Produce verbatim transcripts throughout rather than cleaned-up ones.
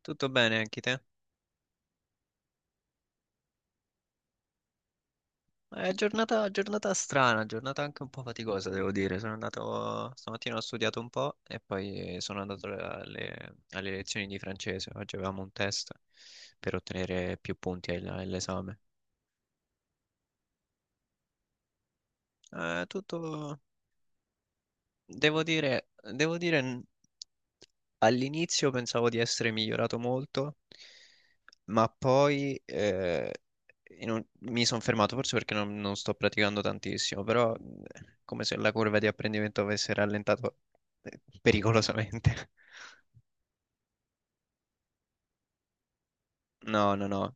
Tutto bene anche te? È giornata, giornata strana, giornata anche un po' faticosa, devo dire. Sono andato, stamattina ho studiato un po' e poi sono andato alle, alle lezioni di francese. Oggi avevamo un test per ottenere più punti all- all'esame. Eh, tutto, Devo dire, devo dire, n- all'inizio pensavo di essere migliorato molto, ma poi eh, in un- mi sono fermato, forse perché non, non sto praticando tantissimo, però eh, come se la curva di apprendimento avesse rallentato eh, pericolosamente. No, no, no.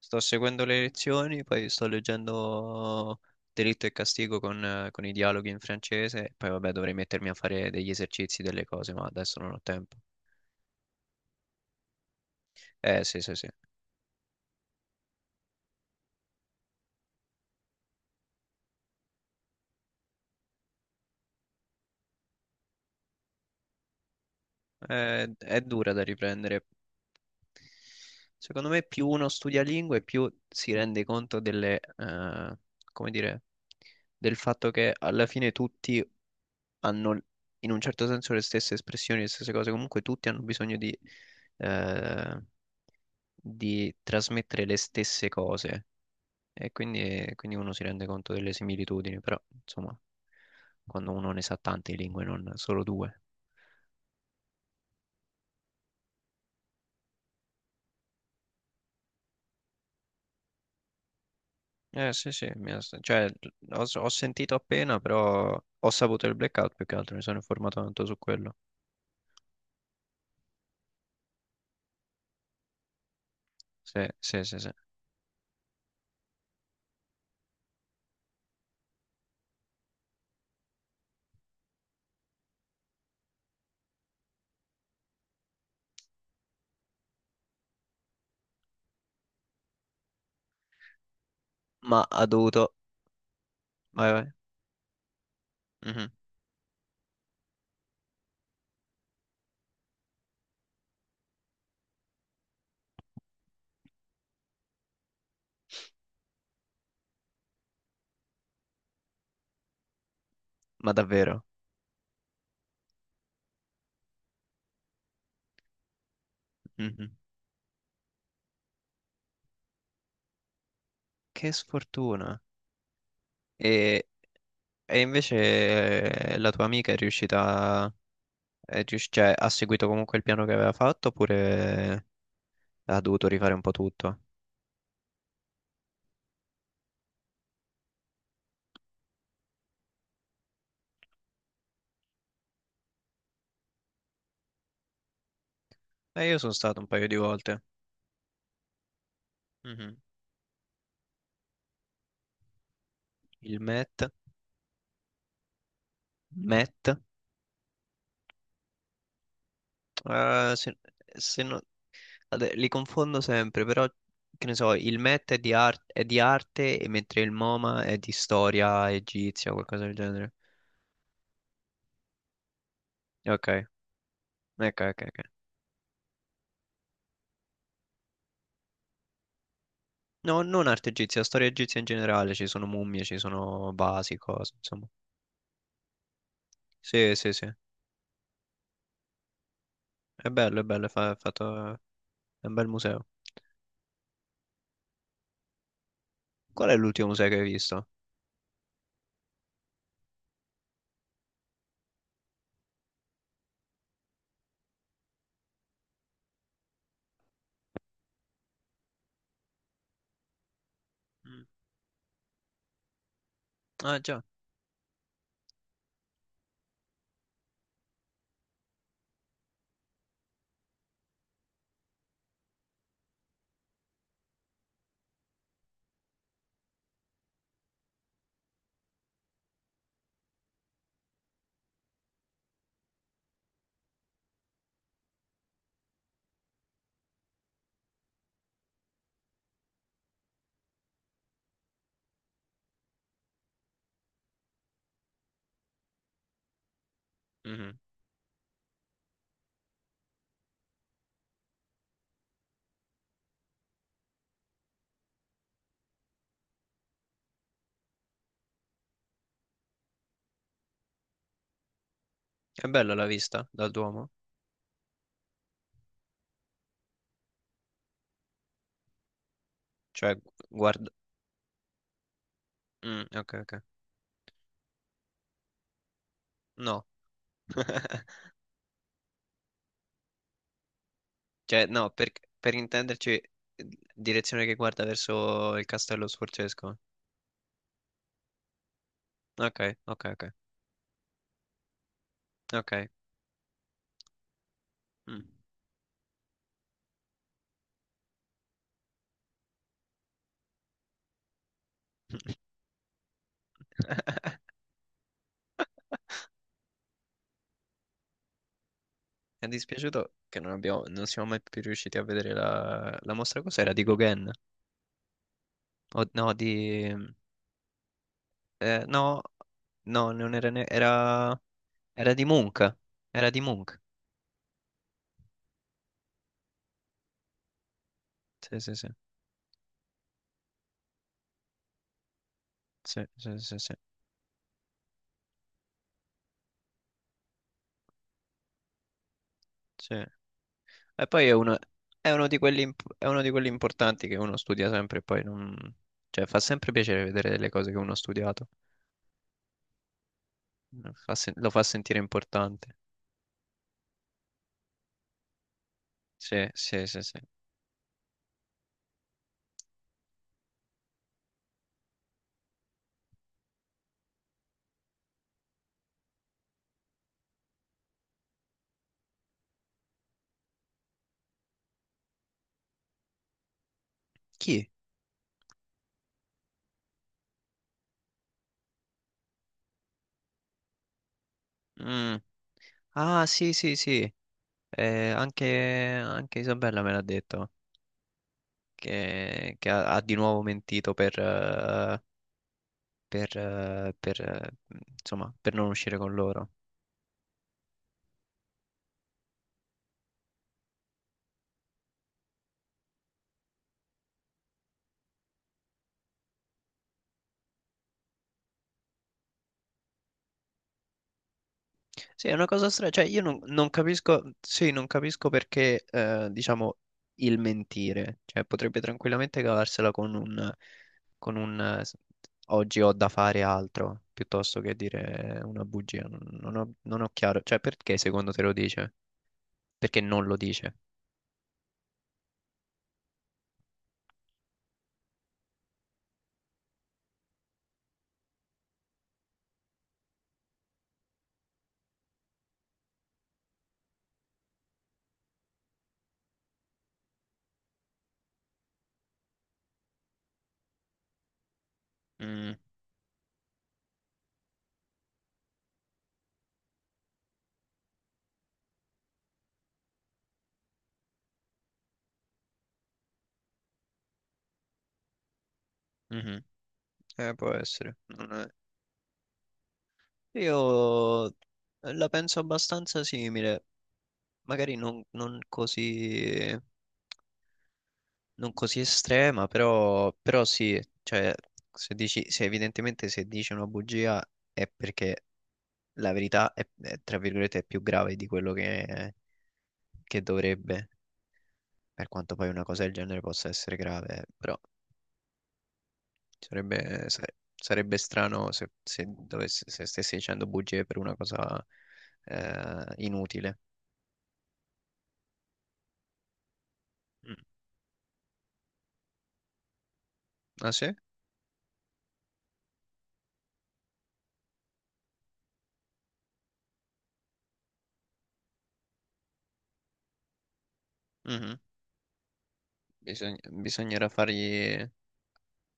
Sto seguendo le lezioni, poi sto leggendo Delitto e Castigo con, eh, con i dialoghi in francese, poi vabbè dovrei mettermi a fare degli esercizi, delle cose, ma adesso non ho tempo. Eh sì, sì, sì. È, è dura da riprendere. Secondo me più uno studia lingue, più si rende conto delle, eh, come dire, del fatto che alla fine tutti hanno in un certo senso le stesse espressioni, le stesse cose. Comunque tutti hanno bisogno di, eh, di trasmettere le stesse cose. E quindi, quindi uno si rende conto delle similitudini, però insomma, quando uno ne sa tante lingue, non solo due. Eh sì sì, mi ha- cioè, ho, ho sentito appena, però ho saputo il blackout più che altro, mi sono informato tanto su quello. Sì, sì, sì, sì. Ma ha dovuto... Vai, vai. Mhm. Ma davvero? Mhm. Che sfortuna. E, e invece eh, la tua amica è riuscita... È rius- cioè, ha seguito comunque il piano che aveva fatto oppure ha dovuto rifare un po' tutto? Eh, io sono stato un paio di volte. Mhm. Il Met. Met. Eh, se, se no- Vabbè, li confondo sempre, però che ne so, il Met è di, ar- è di arte, e mentre il MoMA è di storia egizia o qualcosa del genere. Ok, ok, ok, ok. No, non arte egizia, storia egizia in generale, ci sono mummie, ci sono vasi, cose, insomma. Sì, sì, sì. È bello, è bello, è, fa- è fatto... è un bel museo. Qual è l'ultimo museo che hai visto? Mm. Ah, già. Mhm. È bella la vista dal Duomo? Cioè, gu- guarda... Mm, ok, ok. No. Cioè, no, per, per intenderci, eh, direzione che guarda verso il castello sforzesco. Ok, ok, ok, ok. Mm. Mi è dispiaciuto che non abbiamo, non siamo mai più riusciti a vedere la, la mostra. Cos'era? Di Gauguin? O, no, di... eh, no, no, non era, ne- era... Era di Munch. Era di Munch. Sì, sì, sì. Sì, sì, sì, sì. Sì. E poi è uno, è uno di quelli, imp- è uno di quelli importanti che uno studia sempre e poi non... Cioè, fa sempre piacere vedere le cose che uno ha studiato. Fa sen- lo fa sentire importante. Sì, sì, sì, sì. Chi? Mm. Ah, sì, sì, sì. Eh, anche, anche Isabella me l'ha detto che, che ha, ha di nuovo mentito per, eh, per, eh, per, eh, insomma, per non uscire con loro. Sì, è una cosa strana, cioè io non, non capisco, sì, non capisco perché, eh, diciamo, il mentire, cioè potrebbe tranquillamente cavarsela con un, con un eh, s- oggi ho da fare altro, piuttosto che dire una bugia, non, non ho, non ho chiaro, cioè perché secondo te lo dice? Perché non lo dice? Mm, mhm. Eh, può essere. Non è- Io la penso abbastanza simile, magari non non così... non così estrema, però, però sì, cioè, se dici, se evidentemente se dici una bugia è perché la verità è, è, tra virgolette, è più grave di quello che, che dovrebbe, per quanto poi una cosa del genere possa essere grave, però sarebbe, sa- sarebbe strano se, se, dovessi- se stessi dicendo bugie per una cosa eh, inutile. Mm. Ah sì? Mhm. Bisogna- bisognerà fargli,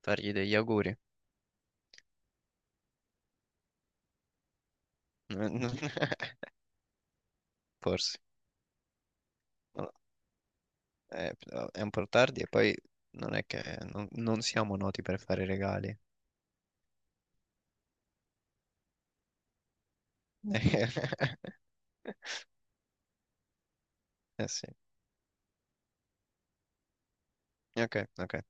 fargli degli auguri. Forse. Non Eh, però è un po' tardi e poi non è che non, non siamo noti per fare regali. Eh sì, ok, ok.